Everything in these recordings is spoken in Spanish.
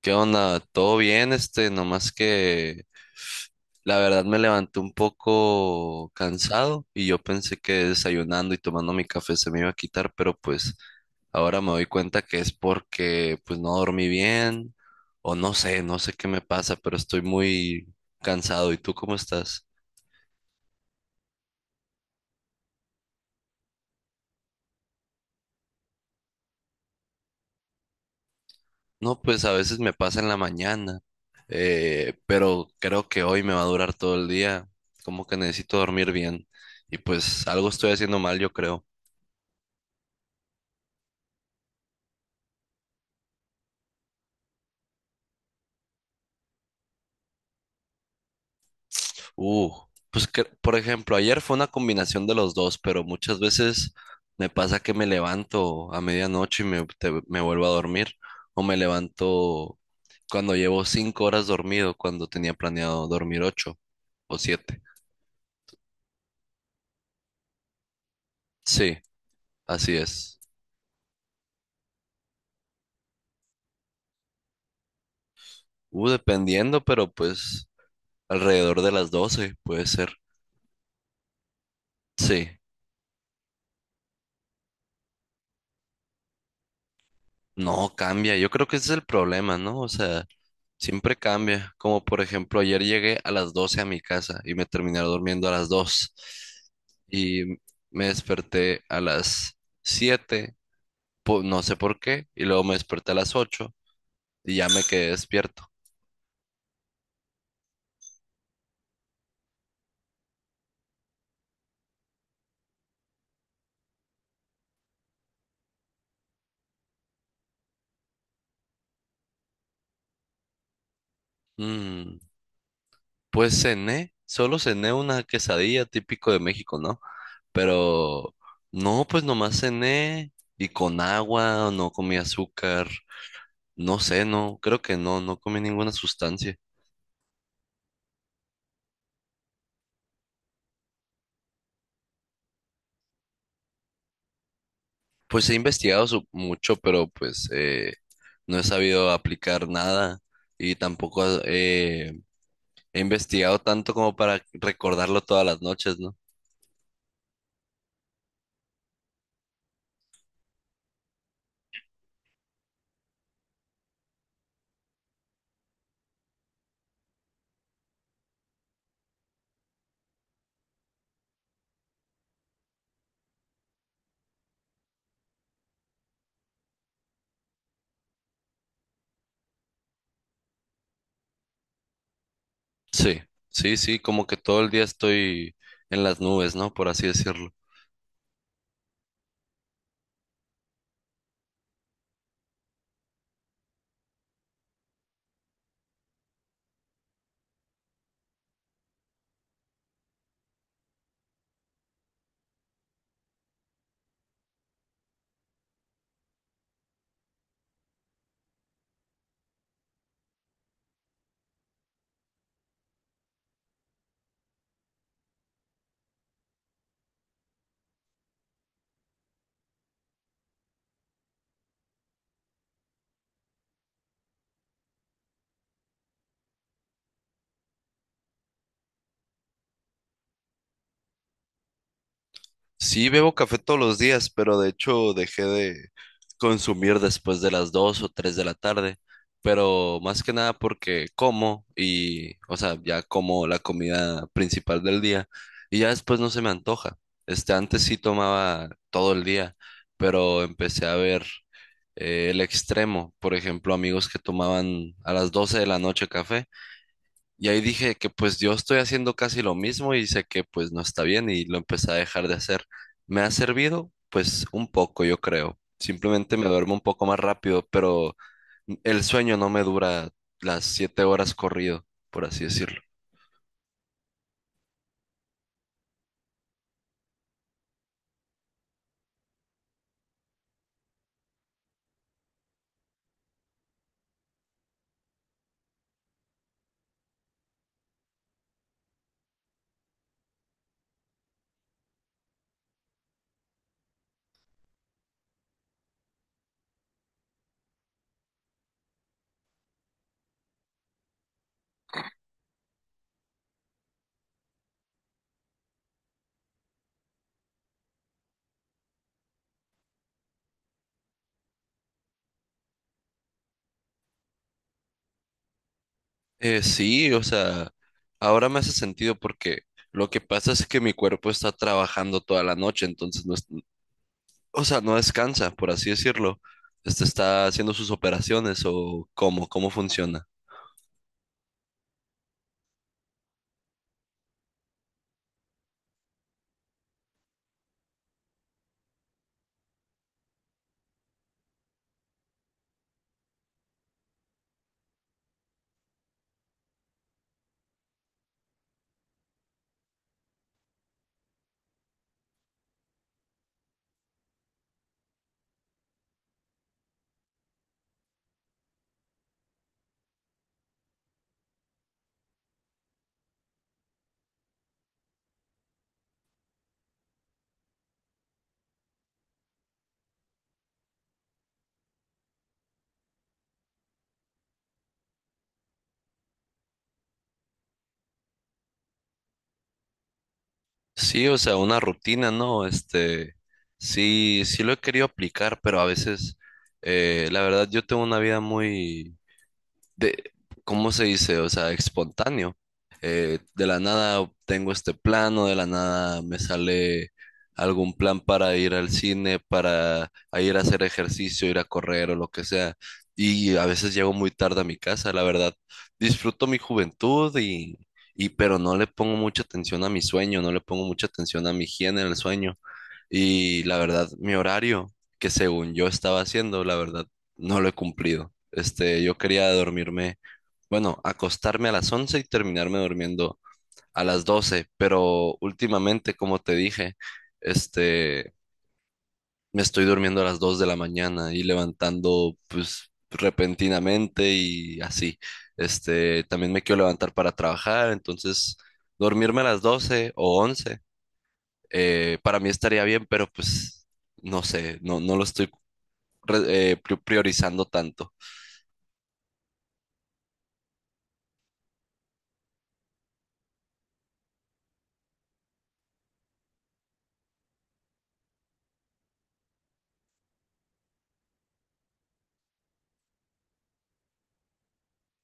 ¿Qué onda? ¿Todo bien? Nomás que la verdad me levanté un poco cansado y yo pensé que desayunando y tomando mi café se me iba a quitar, pero pues ahora me doy cuenta que es porque pues no dormí bien o no sé qué me pasa, pero estoy muy cansado. ¿Y tú cómo estás? No, pues a veces me pasa en la mañana, pero creo que hoy me va a durar todo el día, como que necesito dormir bien y pues algo estoy haciendo mal, yo creo. Uh, pues que, por ejemplo, ayer fue una combinación de los dos, pero muchas veces me pasa que me levanto a medianoche y me vuelvo a dormir, o me levanto cuando llevo 5 horas dormido, cuando tenía planeado dormir 8 o 7. Sí, así es. Dependiendo, pero pues alrededor de las 12 puede ser. Sí, no cambia. Yo creo que ese es el problema, ¿no? O sea. Siempre cambia, como por ejemplo, ayer llegué a las 12 a mi casa y me terminé durmiendo a las 2 y me desperté a las 7, no sé por qué, y luego me desperté a las 8 y ya me quedé despierto. Mm, pues cené, solo cené una quesadilla típico de México, ¿no? Pero no, pues nomás cené y con agua, no comí azúcar, no sé, no, creo que no, no comí ninguna sustancia. Pues he investigado mucho, pero pues no he sabido aplicar nada y tampoco he investigado tanto como para recordarlo todas las noches, ¿no? Sí, sí, sí, como que todo el día estoy en las nubes, ¿no? Por así decirlo. Sí, bebo café todos los días, pero de hecho dejé de consumir después de las 2 o 3 de la tarde, pero más que nada porque como o sea, ya como la comida principal del día y ya después no se me antoja. Antes sí tomaba todo el día, pero empecé a ver el extremo, por ejemplo, amigos que tomaban a las 12 de la noche café y ahí dije que pues yo estoy haciendo casi lo mismo y sé que pues no está bien y lo empecé a dejar de hacer. Me ha servido pues un poco, yo creo. Simplemente me duermo un poco más rápido, pero el sueño no me dura las 7 horas corrido, por así decirlo. Sí, o sea, ahora me hace sentido porque lo que pasa es que mi cuerpo está trabajando toda la noche, entonces o sea, no descansa, por así decirlo. Este está haciendo sus operaciones o cómo funciona. Sí, o sea, una rutina, ¿no? Sí, sí lo he querido aplicar, pero a veces, la verdad, yo tengo una vida muy, de, ¿cómo se dice? O sea, espontáneo. De la nada tengo este plano, de la nada me sale algún plan para ir al cine, para a ir a hacer ejercicio, ir a correr o lo que sea. Y a veces llego muy tarde a mi casa, la verdad. Disfruto mi juventud y pero no le pongo mucha atención a mi sueño, no le pongo mucha atención a mi higiene en el sueño. Y la verdad, mi horario, que según yo estaba haciendo, la verdad, no lo he cumplido. Yo quería dormirme, bueno, acostarme a las 11 y terminarme durmiendo a las 12 pero últimamente, como te dije, este, me estoy durmiendo a las 2 de la mañana y levantando, pues, repentinamente y así. También me quiero levantar para trabajar, entonces, dormirme a las 12 o 11, para mí estaría bien, pero pues no sé, no, no lo estoy priorizando tanto.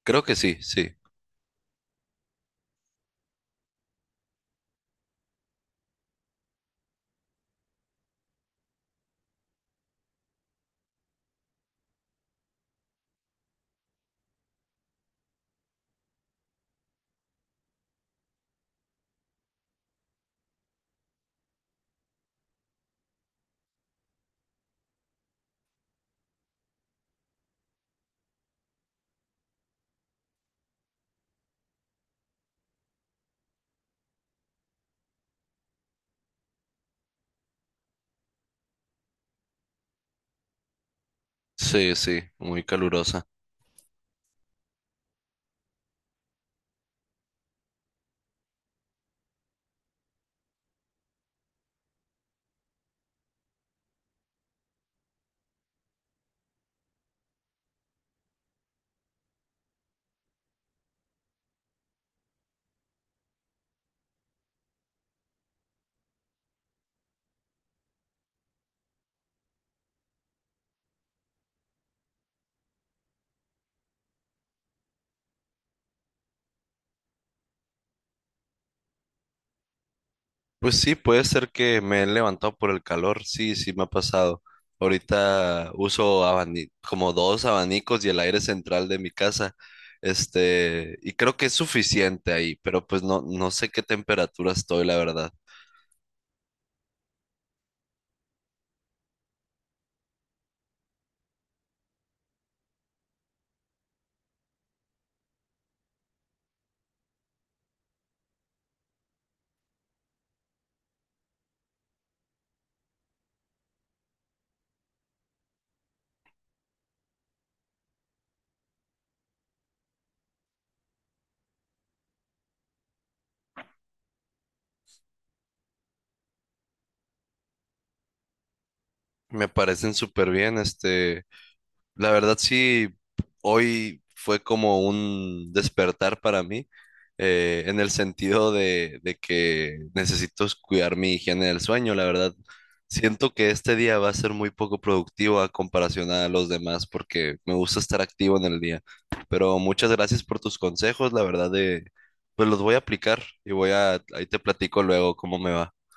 Creo que sí, sí, sí, sí, muy calurosa. Pues sí, puede ser que me he levantado por el calor, sí, sí me ha pasado. Ahorita uso como dos abanicos y el aire central de mi casa, y creo que es suficiente ahí, pero pues no, no sé qué temperatura estoy, la verdad. Me parecen súper bien. La verdad sí, hoy fue como un despertar para mí, en el sentido de que necesito es cuidar mi higiene del sueño, la verdad. Siento que este día va a ser muy poco productivo a comparación a los demás porque me gusta estar activo en el día. Pero muchas gracias por tus consejos, la verdad pues los voy a aplicar y ahí te platico luego cómo me va.